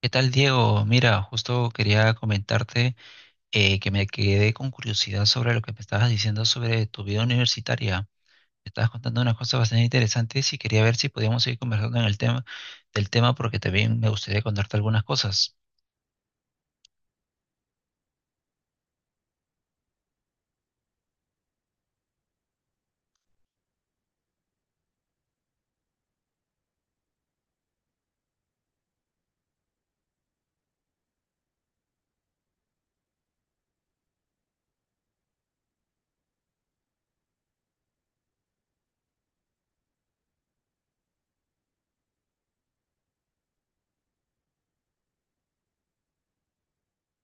¿Qué tal, Diego? Mira, justo quería comentarte que me quedé con curiosidad sobre lo que me estabas diciendo sobre tu vida universitaria. Me estabas contando unas cosas bastante interesantes y quería ver si podíamos seguir conversando en el tema del tema porque también me gustaría contarte algunas cosas.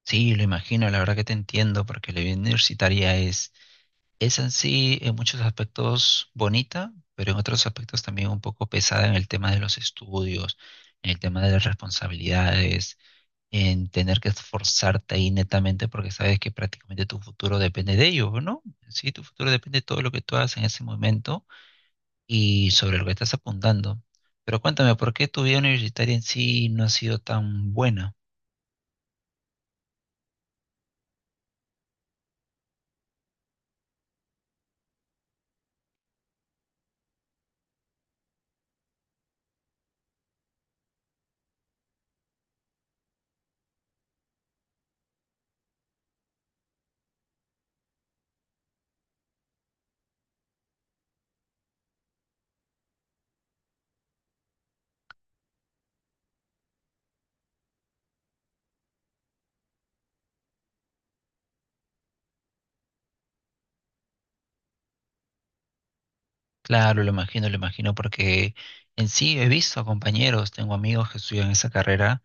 Sí, lo imagino, la verdad que te entiendo porque la vida universitaria es en sí en muchos aspectos bonita, pero en otros aspectos también un poco pesada en el tema de los estudios, en el tema de las responsabilidades en tener que esforzarte ahí netamente porque sabes que prácticamente tu futuro depende de ello, ¿no? Sí, tu futuro depende de todo lo que tú hagas en ese momento y sobre lo que estás apuntando. Pero cuéntame, ¿por qué tu vida universitaria en sí no ha sido tan buena? Claro, lo imagino, porque en sí he visto a compañeros, tengo amigos que estudian esa carrera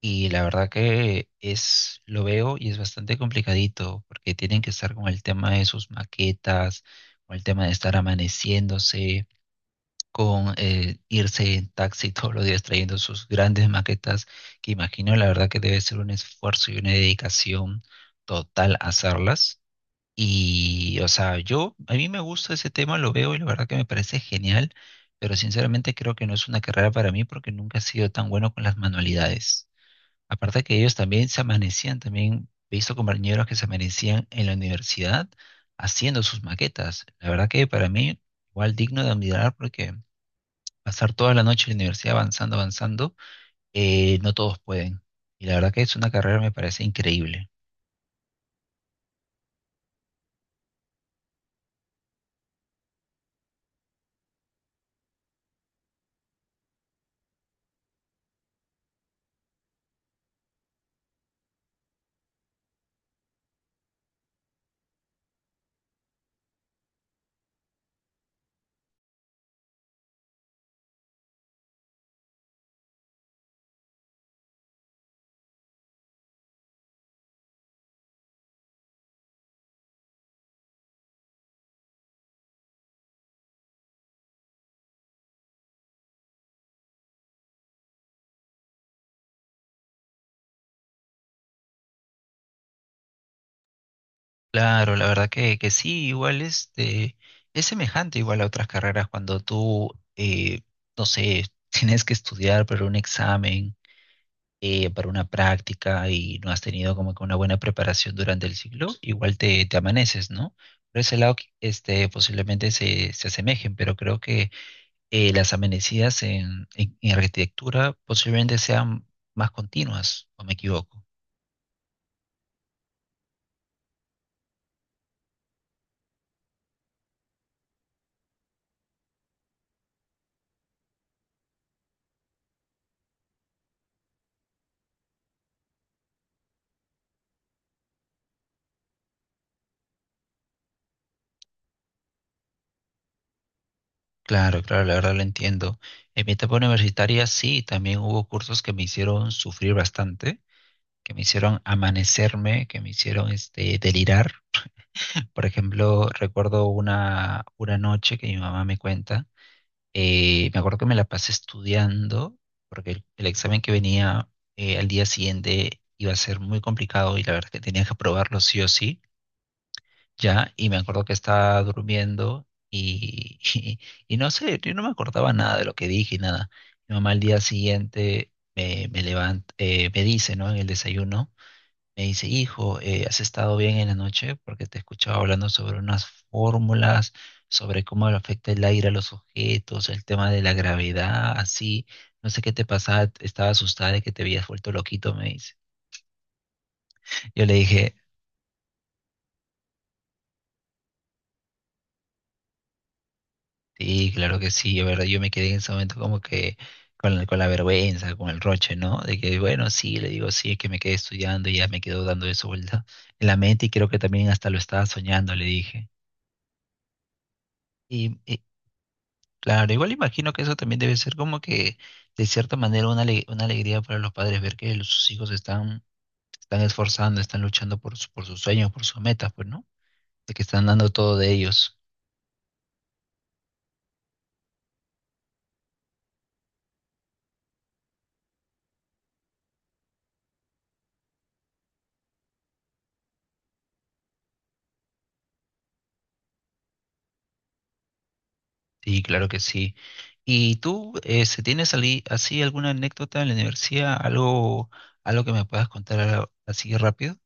y la verdad que es, lo veo y es bastante complicadito porque tienen que estar con el tema de sus maquetas, con el tema de estar amaneciéndose con irse en taxi todos los días trayendo sus grandes maquetas, que imagino la verdad que debe ser un esfuerzo y una dedicación total hacerlas. Y, o sea, yo, a mí me gusta ese tema, lo veo y la verdad que me parece genial, pero sinceramente creo que no es una carrera para mí porque nunca he sido tan bueno con las manualidades. Aparte que ellos también se amanecían, también he visto compañeros que se amanecían en la universidad haciendo sus maquetas. La verdad que para mí, igual digno de admirar porque pasar toda la noche en la universidad avanzando, avanzando, no todos pueden. Y la verdad que es una carrera me parece increíble. Claro, la verdad que sí, igual este, es semejante igual a otras carreras cuando tú, no sé, tienes que estudiar para un examen, para una práctica y no has tenido como que una buena preparación durante el ciclo, te amaneces, ¿no? Por ese lado, este, posiblemente se asemejen, pero creo que las amenidades en arquitectura posiblemente sean más continuas, o me equivoco. Claro, claro, la verdad lo entiendo. En mi etapa universitaria sí, también hubo cursos que me hicieron sufrir bastante, que me hicieron amanecerme, que me hicieron este, delirar. Por ejemplo, recuerdo una noche que mi mamá me cuenta, me acuerdo que me la pasé estudiando, porque el examen que venía al día siguiente iba a ser muy complicado y la verdad que tenía que aprobarlo sí o sí. Ya, y me acuerdo que estaba durmiendo y no sé, yo no me acordaba nada de lo que dije y nada. Mi mamá al día siguiente me levanta, me dice, ¿no? En el desayuno, me dice, hijo, ¿has estado bien en la noche? Porque te escuchaba hablando sobre unas fórmulas, sobre cómo le afecta el aire a los objetos, el tema de la gravedad, así. No sé qué te pasaba, estaba asustada de que te habías vuelto loquito, me dice. Yo le dije, sí, claro que sí, es verdad, yo me quedé en ese momento como que con la vergüenza, con el roche, ¿no? De que, bueno, sí, le digo, sí, es que me quedé estudiando y ya me quedo dando eso vuelta en la mente y creo que también hasta lo estaba soñando, le dije. Y, y, claro, igual imagino que eso también debe ser como que, de cierta manera, una alegría para los padres ver que sus hijos están, están esforzando, están luchando por, por sus sueños, por sus metas, pues, ¿no? De que están dando todo de ellos. Sí, claro que sí. ¿Y tú, se tienes así alguna anécdota en la universidad, algo, algo que me puedas contar así rápido?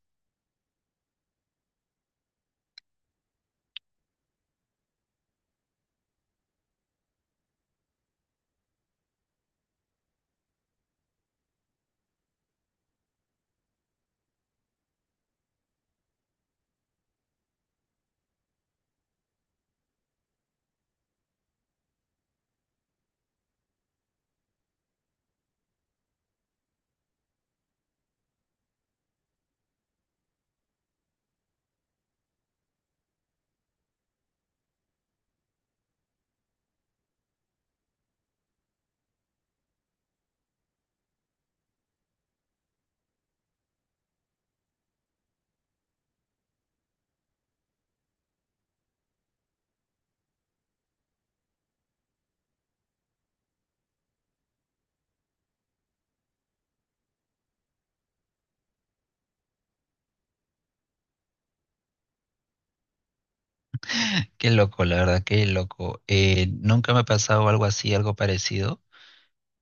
Qué loco, la verdad, qué loco. Nunca me ha pasado algo así, algo parecido,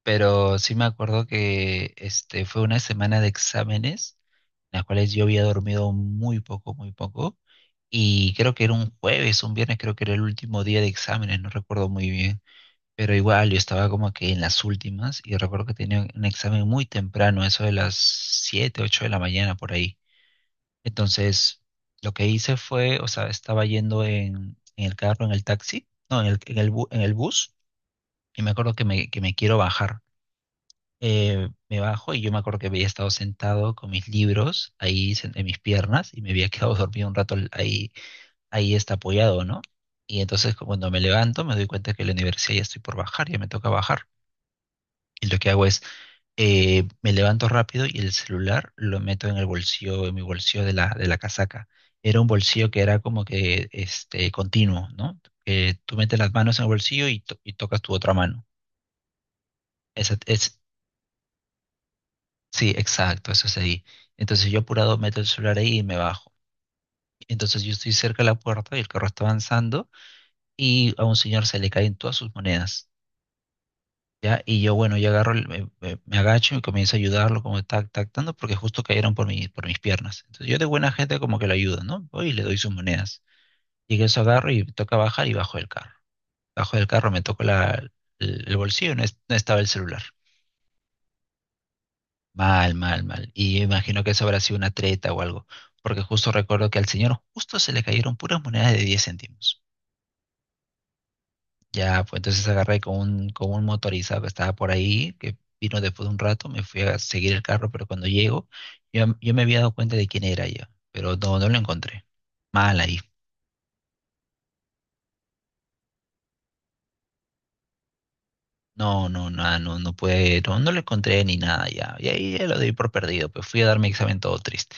pero sí me acuerdo que este fue una semana de exámenes, en las cuales yo había dormido muy poco, y creo que era un jueves, un viernes, creo que era el último día de exámenes, no recuerdo muy bien. Pero igual, yo estaba como que en las últimas y recuerdo que tenía un examen muy temprano, eso de las 7 u 8 de la mañana por ahí. Entonces, lo que hice fue, o sea, estaba yendo en el carro, en el taxi, no, en el bus, y me acuerdo que que me quiero bajar. Me bajo y yo me acuerdo que había estado sentado con mis libros ahí en mis piernas y me había quedado dormido un rato ahí, ahí está apoyado, ¿no? Y entonces cuando me levanto me doy cuenta que la universidad ya estoy por bajar, ya me toca bajar. Y lo que hago es me levanto rápido y el celular lo meto en el bolsillo, en mi bolsillo de la casaca. Era un bolsillo que era como que este, continuo, ¿no? Que tú metes las manos en el bolsillo y tocas tu otra mano. Esa- es, sí, exacto, eso es ahí. Entonces yo apurado meto el celular ahí y me bajo. Entonces yo estoy cerca de la puerta y el carro está avanzando y a un señor se le caen todas sus monedas. ¿Ya? Y yo, bueno, yo agarro, me agacho y comienzo a ayudarlo, como tac, tac, tanto, porque justo cayeron por mis piernas. Entonces yo de buena gente como que lo ayudo, ¿no? Voy y le doy sus monedas. Y que eso agarro y me toca bajar y bajo del carro. Bajo del carro, me toco el bolsillo y no, no estaba el celular. Mal, mal, mal. Y yo imagino que eso habrá sido una treta o algo, porque justo recuerdo que al señor justo se le cayeron puras monedas de 10 céntimos. Ya, pues entonces agarré con un motorizado que estaba por ahí, que vino después de un rato, me fui a seguir el carro, pero cuando llego, yo me había dado cuenta de quién era ya, pero no lo encontré. Mal ahí. No, no, nada, no pude, no lo encontré ni nada ya. Y ahí ya lo doy por perdido, pues fui a dar mi examen todo triste.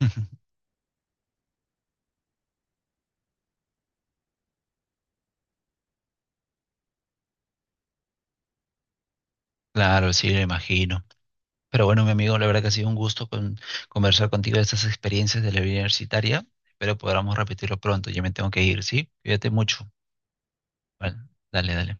Claro, sí, lo imagino. Pero bueno, mi amigo, la verdad que ha sido un gusto conversar contigo de estas experiencias de la vida universitaria. Espero podamos repetirlo pronto. Ya me tengo que ir, ¿sí? Cuídate mucho. Vale, dale, dale.